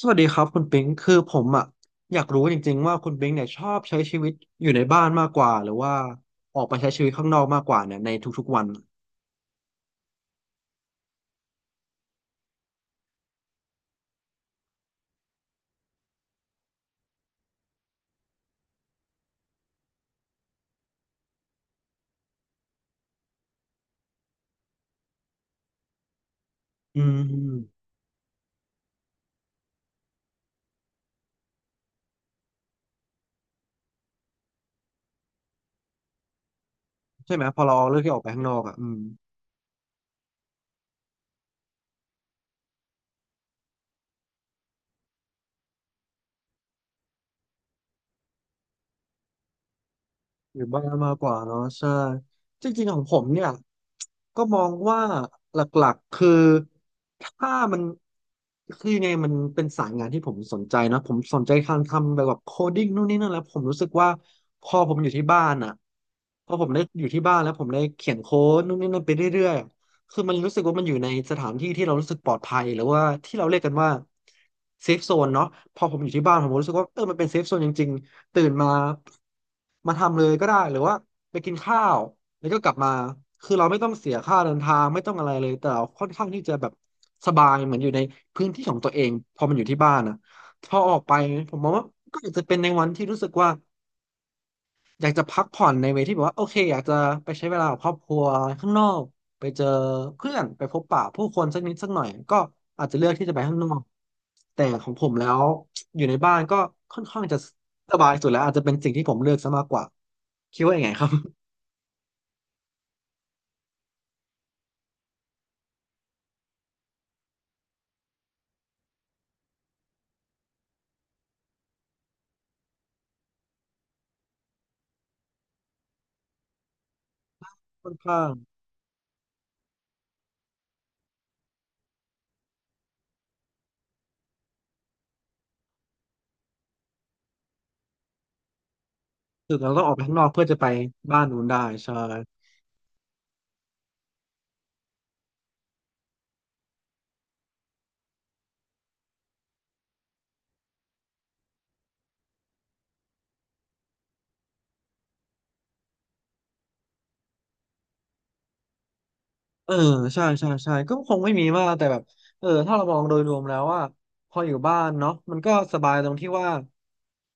สวัสดีครับคุณปิงคือผมอ่ะอยากรู้จริงๆว่าคุณปิงเนี่ยชอบใช้ชีวิตอยู่ในบ้านมากกว่าหรือว่าออกไปใช้ชีวิตข้างนอกมากกว่าเนี่ยในทุกๆวันอืมใช่ไหมพอเราเลือกที่ออกไปข้างนอกอ่ะอืม อยู่บ้านมากกว่าเนาะใช่จริงๆของผมเนี่ยก็มองว่าหลักๆคือถ้ามันคือยังไงมันเป็นสายงานที่ผมสนใจเนอะผมสนใจทางทำแบบโคดิ้งนู่นนี่นั่นแล้วผมรู้สึกว่าพอผมอยู่ที่บ้านอ่ะพอผมได้อยู่ที่บ้านแล้วผมได้เขียนโค้ดนู่นนี่นั่นไปเรื่อยๆอะคือมันรู้สึกว่ามันอยู่ในสถานที่ที่เรารู้สึกปลอดภัยหรือว่าที่เราเรียกกันว่าเซฟโซนเนาะพอผมอยู่ที่บ้านผมรู้สึกว่าเออมันเป็นเซฟโซนจริง ตื่นมามาทำเลยก็ได้หรือว่าไปกินข้าวแล้วก็กลับมาคือเราไม่ต้องเสียค่าเดินทางไม่ต้องอะไรเลยแต่เราค่อนข้างที่จะแบบสบายเหมือนอยู่ในพื้นที่ของตัวเองพอมันอยู่ที่บ้านนะพอออกไปผมมองว่าก็อาจจะเป็นในวันที่รู้สึกว่า อยากจะพักผ่อนในเวที่แบบว่าโอเคอยากจะไปใช้เวลากับครอบครัวข้างนอกไปเจอเพื่อนไปพบปะผู้คนสักนิดสักหน่อยก็อาจจะเลือกที่จะไปข้างนอกแต่ของผมแล้วอยู่ในบ้านก็ค่อนข้างจะสบายสุดแล้วอาจจะเป็นสิ่งที่ผมเลือกซะมากกว่าคิดว่าอย่างไงครับค่อนข้างถึงเราต้องออกไปข้างนอกเพื่อจะไปบ้านนู้นได้ใช่ เออใช่ใช่ใช่ก็คงไม่มีมากแต่แบบเออถ้าเรามองโดยรวมแล้วว่าพออยู่บ้านเนาะมันก็สบายตรงที่ว่า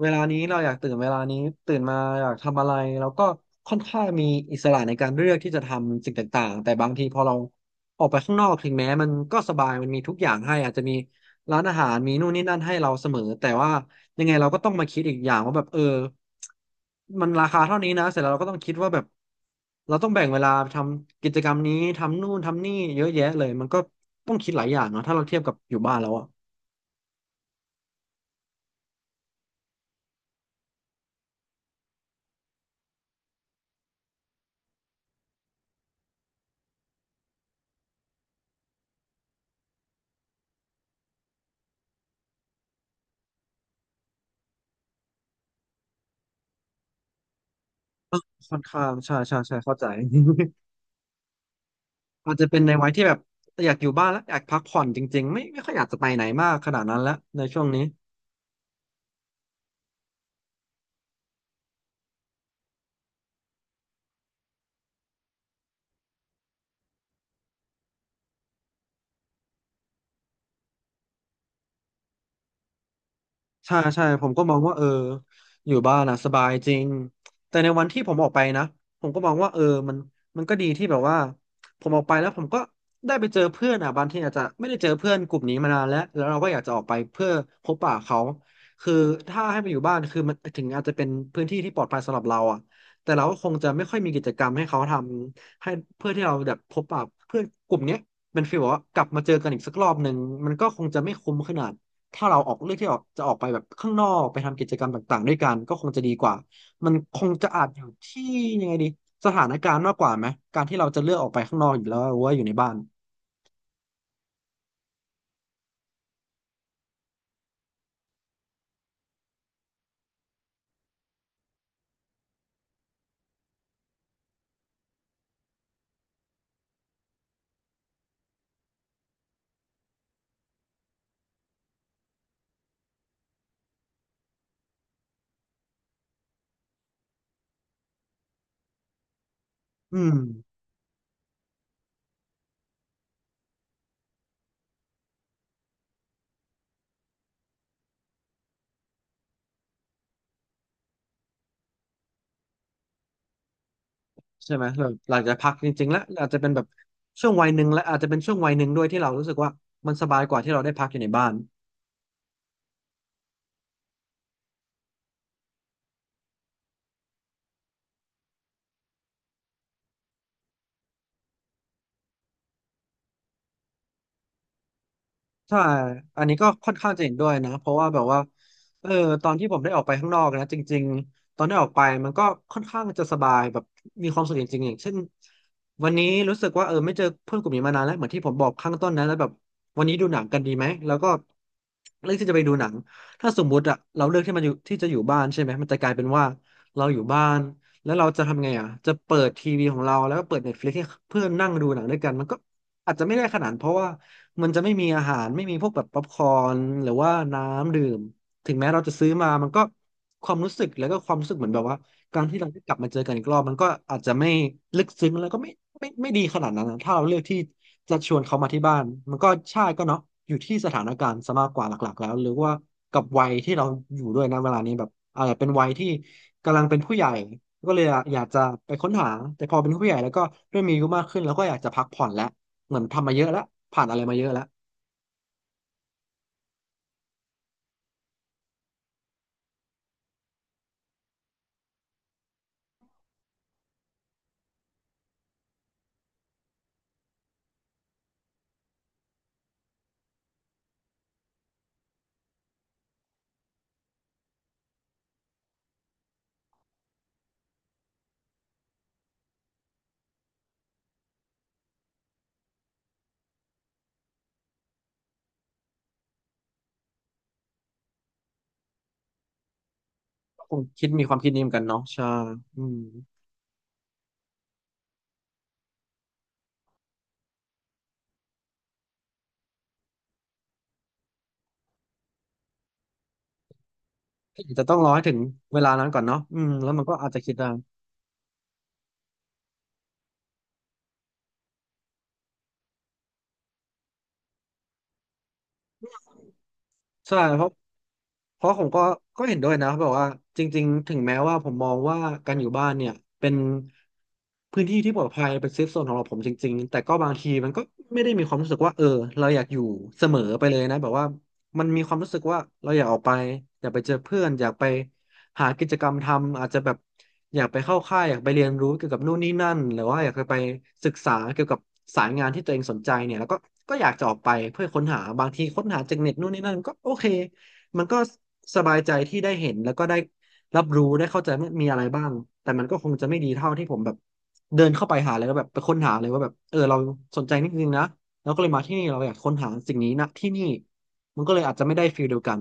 เวลานี้เราอยากตื่นเวลานี้ตื่นมาอยากทำอะไรเราก็ค่อนข้างมีอิสระในการเลือกที่จะทำสิ่งต่างๆแต่บางทีพอเราออกไปข้างนอกถึงแม้มันก็สบายมันมีทุกอย่างให้อาจจะมีร้านอาหารมีนู่นนี่นั่นให้เราเสมอแต่ว่า ยังไงเราก็ต้องมาคิดอีกอย่างว่าแบบเออมันราคาเท่านี้นะเสร็จแล้วเราก็ต้องคิดว่าแบบเราต้องแบ่งเวลาทำกิจกรรมนี้ทำนู่นทำนี่เยอะแยะเลยมันก็ต้องคิดหลายอย่างเนาะถ้าเราเทียบกับอยู่บ้านแล้วอะค่อนข้างใช่ใช่ใช่เข้าใจ อาจจะเป็นในวัยที่แบบอยากอยู่บ้านแล้วอยากพักผ่อนจริงๆไม่ค่อยอยากจะไปไหนมากขนาดนั้นแล้วในช่วงนี้ ใช่ใช่ผมก็มองว่าเอออยู่บ้านอ่ะสบายจริงแต่ในวันที่ผมออกไปนะผมก็มองว่าเออมันมันก็ดีที่แบบว่าผมออกไปแล้วผมก็ได้ไปเจอเพื่อนอ่ะบางทีอาจจะไม่ได้เจอเพื่อนกลุ่มนี้มานานแล้วแล้วเราก็อยากจะออกไปเพื่อพบปะเขาคือถ้าให้ไปอยู่บ้านคือมันถึงอาจจะเป็นพื้นที่ที่ปลอดภัยสำหรับเราอ่ะแต่เราก็คงจะไม่ค่อยมีกิจกรรมให้เขาทำให้เพื่อที่เราแบบพบปะเพื่อนกลุ่มเนี้ยเป็นฟีลแบบว่ากลับมาเจอกันอีกสักรอบหนึ่งมันก็คงจะไม่คุ้มขนาด ถ้าเราออกเลือกที่ออกจะออกไปแบบข้างนอกไปทำกิจกรรมต่างๆด้วยกันก็คงจะดีกว่า มันคงจะอาจอยู่ที่ยังไงดีสถานการณ์มากกว่าไหมการที่เราจะเลือกออกไปข้างนอกอยู่แล้วหรือว่าอยู่ในบ้านอืมใช่ไหมเราหลังจากพักจริงๆแล้วอาจจะเป็นแบบช่วงวัยหนึ่งและอาจจะเป็นช่วงวัยหนึ่งด้วยที่เรารู้สึกว่ามันสบายกว่าที่เราได้พักอยู่ในบ้าน ใช่อันนี้ก็ค่อนข้างจะเห็นด้วยนะเพราะว่าแบบว่าเออตอนที่ผมได้ออกไปข้างนอกนะจริงๆตอนได้ออกไปมันก็ค่อนข้างจะสบายแบบมีความสุขจริงๆอย่างเช่นวันนี้รู้สึกว่าเออไม่เจอเพื่อนกลุ่มนี้มานานแล้วเหมือนที่ผมบอกข้างต้นนะแล้วแบบวันนี้ดูหนังกันดีไหมแล้วก็เลือกที่จะไปดูหนังถ้าสมมุติอะเราเลือกที่มันอยู่ที่จะอยู่บ้านใช่ไหมมันจะกลายเป็นว่าเราอยู่บ้าน แล้วเราจะทำไงอ่ะจะเปิดทีวีของเราแล้วก็เปิด Netflix ให้เพื่อนนั่งดูหนังด้วยกันมันก็อาจจะไม่ได้ขนาดนั้นเพราะว่ามันจะไม่มีอาหารไม่มีพวกแบบป๊อปคอร์นหรือว่าน้ำดื่มถึงแม้เราจะซื้อมามันก็ความรู้สึกแล้วก็ความรู้สึกเหมือนแบบว่าการที่เราได้กลับมาเจอกันอีกรอบมันก็อาจจะไม่ลึกซึ้งแล้วก็ไม่ไม่ดีขนาดนั้นนะถ้าเราเลือกที่ จะชวนเขามาที่บ้านมันก็ใช่ก็เนาะอยู่ที่สถานการณ์ซะมากกว่าหลักๆแล้วหรือว่ากับวัยที่เราอยู่ด้วยนะเวลานี้แบบอาจจะเป็นวัยที่กำลังเป็นผู้ใหญ่ก็เลยอยากจะไปค้นหาแต่พอเป็นผู้ใหญ่แล้วก็เริ่มมีอายุมากขึ้นแล้วก็อยากจะพักผ่อนแล้วเหมือนทำมาเยอะแล้วผ่านอะไรมาเยอะแล้วคงคิดมีความคิดนี้เหมือนกันเนาะใช่อืมอาจจะต้องรอให้ถึงเวลานั้นก่อนเนาะอืมแล้วมันก็อาจจะคิดได้ ใช่เพราะผมก็เห็นด้วยนะแบบว่าจริงๆถึงแม้ว่าผมมองว่าการอยู่บ้านเนี่ยเป็นพื้นที่ที่ปลอดภัยเป็นเซฟโซนของเราผมจริงๆแต่ก็บางทีมันก็ไม่ได้มีความรู้สึกว่าเออเราอยากอยู่เสมอไปเลยนะแบบว่ามันมีความรู้สึกว่าเราอยากออกไปอยากไปเจอเพื่อนอยากไป หากิจกรรมทำอาจจะแบบอยากไปเข้าค่ายอยากไปเรียนรู้เกี่ยวกับนู่นนี่นั่นหรือว่าอยากจะไปศึกษาเกี่ยวกับสายงานที่ตัวเองสนใจเนี่ยแล้วก็อยากจะออกไปเพื่อค้นหาบางทีค้นหาจากเน็ตนู่นนี่นั่นก็โอเคมันก็สบายใจที่ได้เห็นแล้วก็ได้รับรู้ได้เข้าใจว่ามีอะไรบ้างแต่มันก็คงจะไม่ดีเท่าที่ผมแบบเดินเข้าไปหาเลยแล้วแบบไปค้นหาเลยว่าแบบเออเราสนใจนี่จริงๆนะแล้วก็เลยมาที่นี่เราอยากค้นหาสิ่งนี้นะที่นี่มันก็เลยอาจจะไม่ได้ฟีลเดียวกัน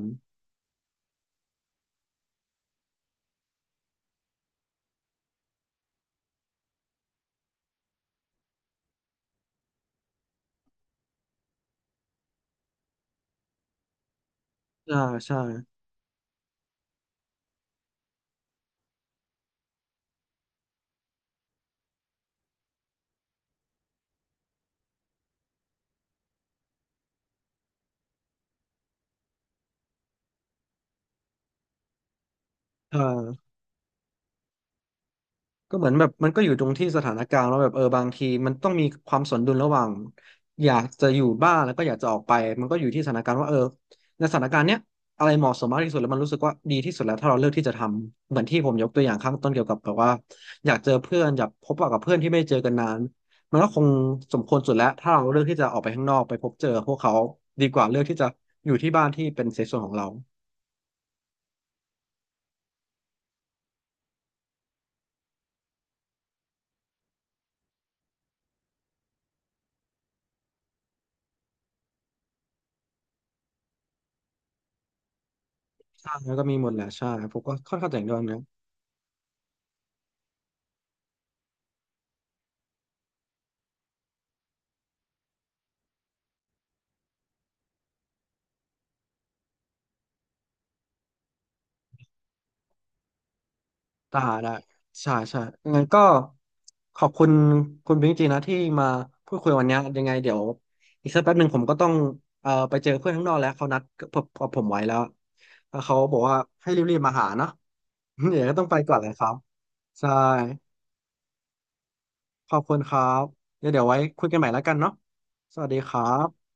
อ่าใช่เออ ก็เหมือนแบบมันก็อยู่ตรงที่สถานการณ์แล้วแบบเออบางทีมันต้องมีความสนดุลระหว่างอยากจะอยู่บ้านแล้วก็อยากจะออกไปมันก็อยู่ที่สถานการณ์ว่าเออในสถานการณ์เนี้ยอะไรเหมาะสมมากที่สุดแล้วมันรู้สึกว่าดีที่สุดแล้วถ้าเราเลือกที่จะทำเหมือนที่ผมยกตัวอย่างข้างต้นเกี่ยวกับแบบว่าอยากเจอเพื่อนอยากพบปะกับเพื่อนที่ไม่ได้เจอกันนานมันก็คงสมควรสุดแล้วถ้าเราเลือกที่จะออกไปข้างนอกไปพบเจอพวกเขาดีกว่าเลือกที่จะอยู่ที่บ้านที่เป็นเซฟโซนของเราใช่แล้วก็มีหมดแหละใช่ผมก็ค่อนข้างจะเห็นด้วยนะ ตาได้ใช่ใช่งั้นก็ขอบคุณคุณพิงค์จริงนะที่มาพูดคุยวันเนี้ยยังไงเดี๋ยวอีกสักแป๊บหนึ่งผมก็ต้องไปเจอเพื่อนข้างนอกแล้วเขานัดผมกับผมไว้แล้วแล้วเขาบอกว่าให้รีบๆมาหาเนาะ เดี๋ยวก็ต้องไปก่อนเลยครับใช่ขอบคุณครับเดี๋ยวไว้คุยกันใหม่แล้วกันเนาะสวัสดีครับ